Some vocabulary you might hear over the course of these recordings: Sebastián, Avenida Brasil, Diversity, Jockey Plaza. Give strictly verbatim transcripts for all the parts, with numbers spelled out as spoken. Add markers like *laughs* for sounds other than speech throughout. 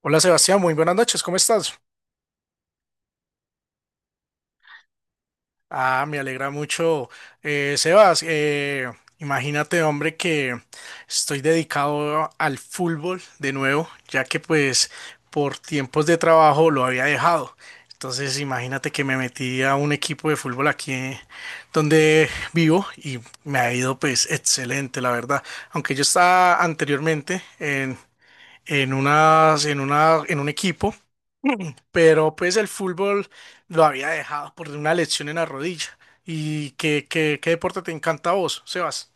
Hola Sebastián, muy buenas noches, ¿cómo estás? Ah, me alegra mucho, eh, Sebas. Eh, imagínate, hombre, que estoy dedicado al fútbol de nuevo, ya que pues por tiempos de trabajo lo había dejado. Entonces, imagínate que me metí a un equipo de fútbol aquí, eh, donde vivo, y me ha ido pues excelente, la verdad. Aunque yo estaba anteriormente en, en unas, en una, en un equipo, pero pues el fútbol lo había dejado por una lesión en la rodilla. ¿Y qué, qué, qué deporte te encanta a vos, Sebas?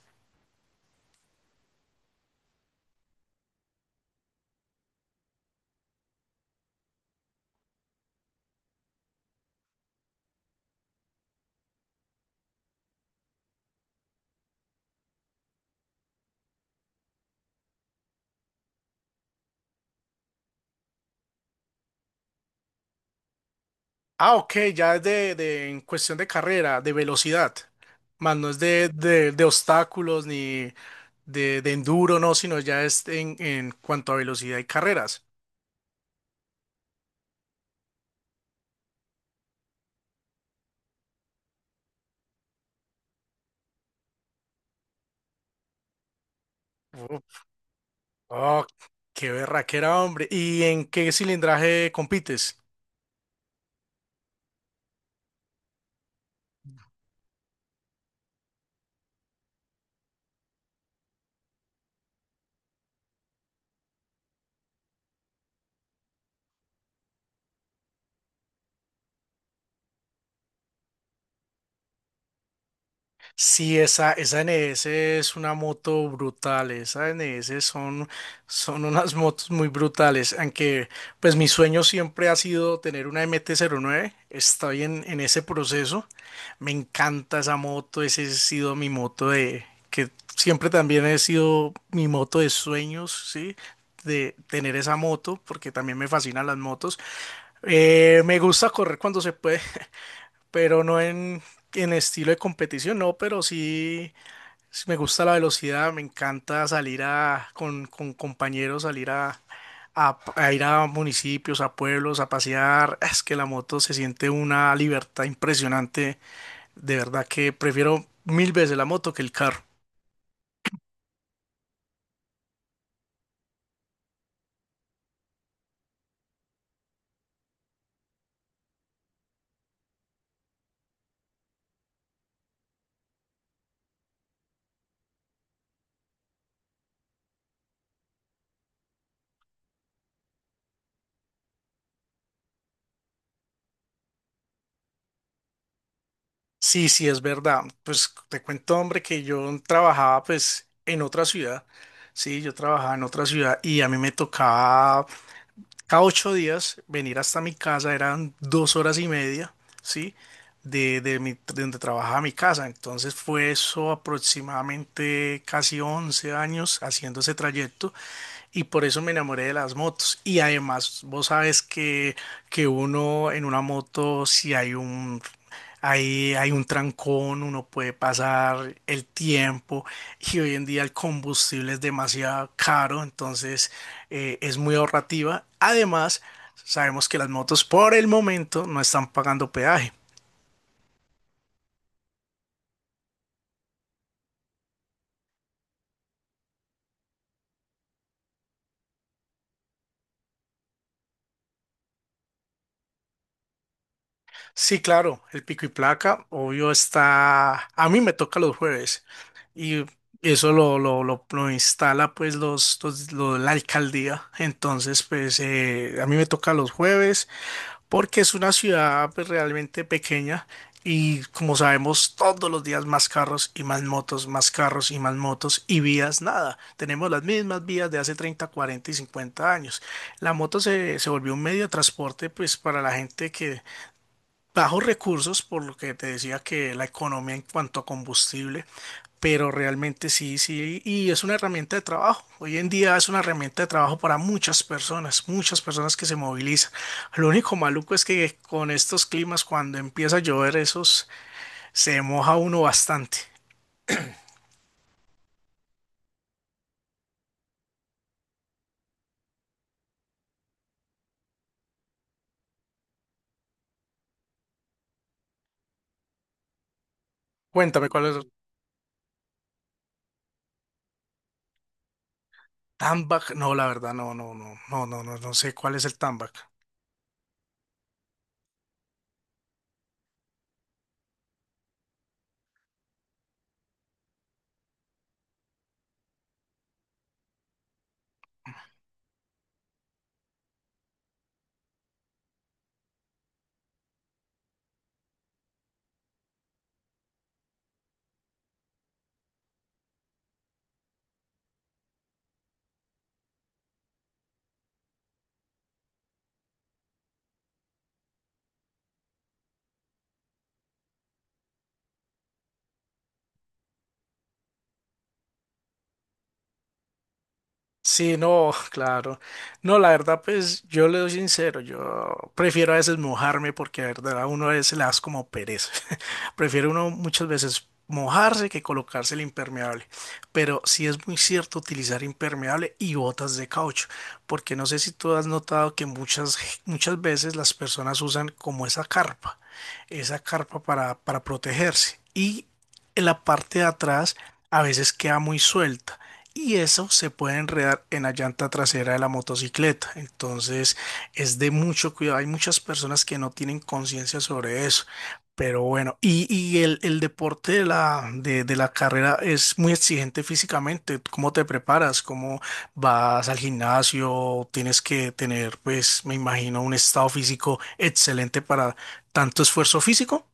Ah, ok, ya es de, de- en cuestión de carrera, de velocidad, más no es de, de, de obstáculos ni de, de enduro, no, sino ya es en, en cuanto a velocidad y carreras. Oh, oh, qué berraquera, hombre. ¿Y en qué cilindraje compites? Sí, esa, esa N S es una moto brutal, esa N S son, son unas *laughs* motos muy brutales, aunque pues mi sueño siempre ha sido tener una M T cero nueve, estoy en, en ese proceso. Me encanta esa moto, ese ha sido mi moto de, que siempre también ha sido mi moto de sueños, ¿sí? De tener esa moto, porque también me fascinan las motos. Eh, me gusta correr cuando se puede, pero no en, en estilo de competición, no, pero sí, sí me gusta la velocidad. Me encanta salir a, con, con compañeros, salir a, a, a ir a municipios, a pueblos, a pasear. Es que la moto se siente una libertad impresionante, de verdad que prefiero mil veces la moto que el carro. Sí, sí, es verdad. Pues te cuento, hombre, que yo trabajaba pues en otra ciudad. Sí, yo trabajaba en otra ciudad y a mí me tocaba cada ocho días venir hasta mi casa, eran dos horas y media, ¿sí? De, de, mi- de donde trabajaba mi casa. Entonces fue eso aproximadamente casi once años haciendo ese trayecto, y por eso me enamoré de las motos. Y además, vos sabes que, que uno en una moto, si hay un, hay, hay un trancón, uno puede pasar el tiempo, y hoy en día el combustible es demasiado caro, entonces eh, es muy ahorrativa. Además, sabemos que las motos por el momento no están pagando peaje. Sí, claro, el pico y placa, obvio, está, a mí me toca los jueves, y eso lo, lo, lo, lo instala pues los, los- lo- la alcaldía. Entonces pues, eh, a mí me toca los jueves porque es una ciudad pues realmente pequeña, y como sabemos, todos los días más carros y más motos, más carros y más motos y vías, nada, tenemos las mismas vías de hace treinta, cuarenta y cincuenta años. La moto se, se volvió un medio de transporte pues para la gente bajos recursos, por lo que te decía, que la economía en cuanto a combustible. Pero realmente sí, sí, y es una herramienta de trabajo. Hoy en día es una herramienta de trabajo para muchas personas, muchas personas que se movilizan. Lo único maluco es que con estos climas, cuando empieza a llover, esos, se moja uno bastante. Cuéntame cuál es el Tambac. No, la verdad, no, no, no, no, no, no, no sé cuál es el Tambac. Sí, no, *laughs* claro. No, la verdad, pues yo le doy sincero, yo prefiero a veces mojarme, porque la verdad a uno a veces le das como pereza. *laughs* Prefiero uno muchas veces mojarse que colocarse el impermeable. Pero sí es muy cierto utilizar impermeable y botas de caucho, porque no sé si tú has notado que muchas, muchas veces las personas usan como esa carpa, esa carpa para, para protegerse. Y en la parte de atrás a veces queda muy suelta, y eso se puede enredar en la llanta trasera de la motocicleta. Entonces es de mucho cuidado. Hay muchas personas que no tienen conciencia sobre eso. Pero bueno, y, y el, el deporte de la, de, de la carrera es muy exigente físicamente. ¿Cómo te preparas? ¿Cómo vas al gimnasio? Tienes que tener, pues, me imagino, un estado físico excelente para tanto esfuerzo físico.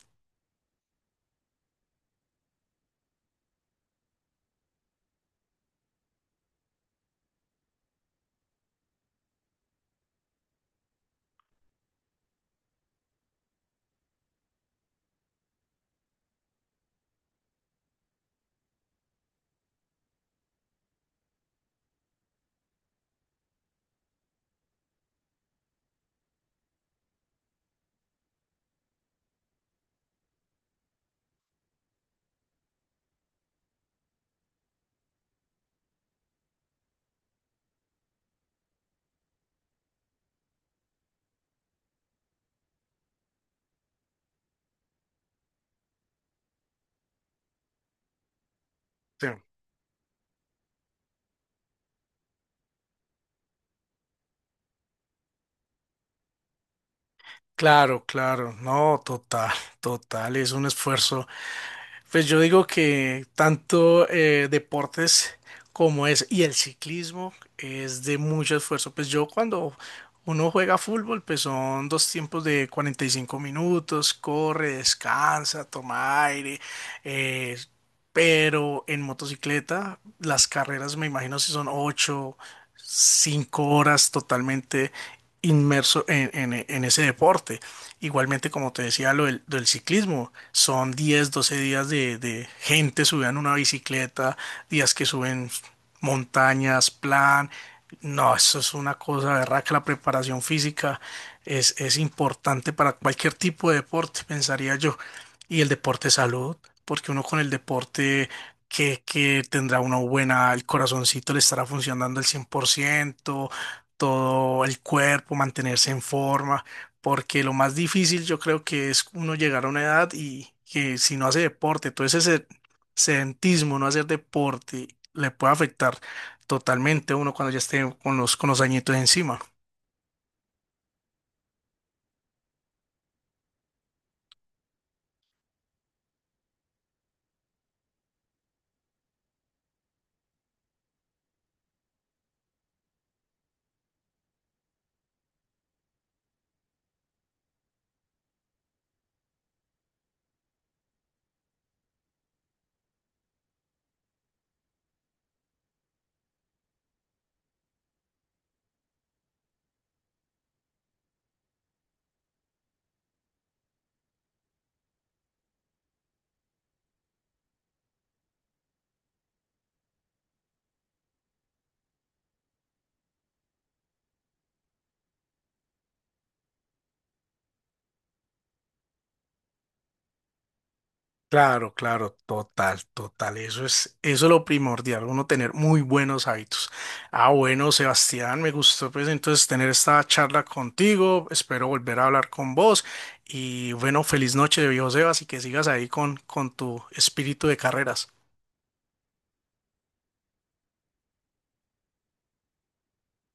Sí. Claro, claro, no, total, total, es un esfuerzo. Pues yo digo que tanto, eh, deportes como es y el ciclismo, es de mucho esfuerzo. Pues yo cuando uno juega fútbol, pues son dos tiempos de cuarenta y cinco minutos, corre, descansa, toma aire. eh, pero en motocicleta, las carreras, me imagino, si son ocho cinco horas totalmente inmerso en en- en ese deporte. Igualmente, como te decía, lo del, del ciclismo, son diez doce días de, de gente subiendo una bicicleta, días que suben montañas, plan. No, eso es una cosa, verdad, que la preparación física es, es importante para cualquier tipo de deporte, pensaría yo. Y el deporte salud, porque uno con el deporte que, que tendrá una buena, el corazoncito le estará funcionando al cien por ciento, todo el cuerpo, mantenerse en forma, porque lo más difícil, yo creo que es uno llegar a una edad y que si no hace deporte, todo ese se- sedentismo, no hacer deporte, le puede afectar totalmente a uno cuando ya esté con los, con los añitos encima. Claro, claro, total, total. Eso es, eso es lo primordial, uno tener muy buenos hábitos. Ah, bueno, Sebastián, me gustó pues entonces tener esta charla contigo. Espero volver a hablar con vos. Y bueno, feliz noche, viejo Sebas, y que sigas ahí con, con tu espíritu de carreras.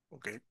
Ok.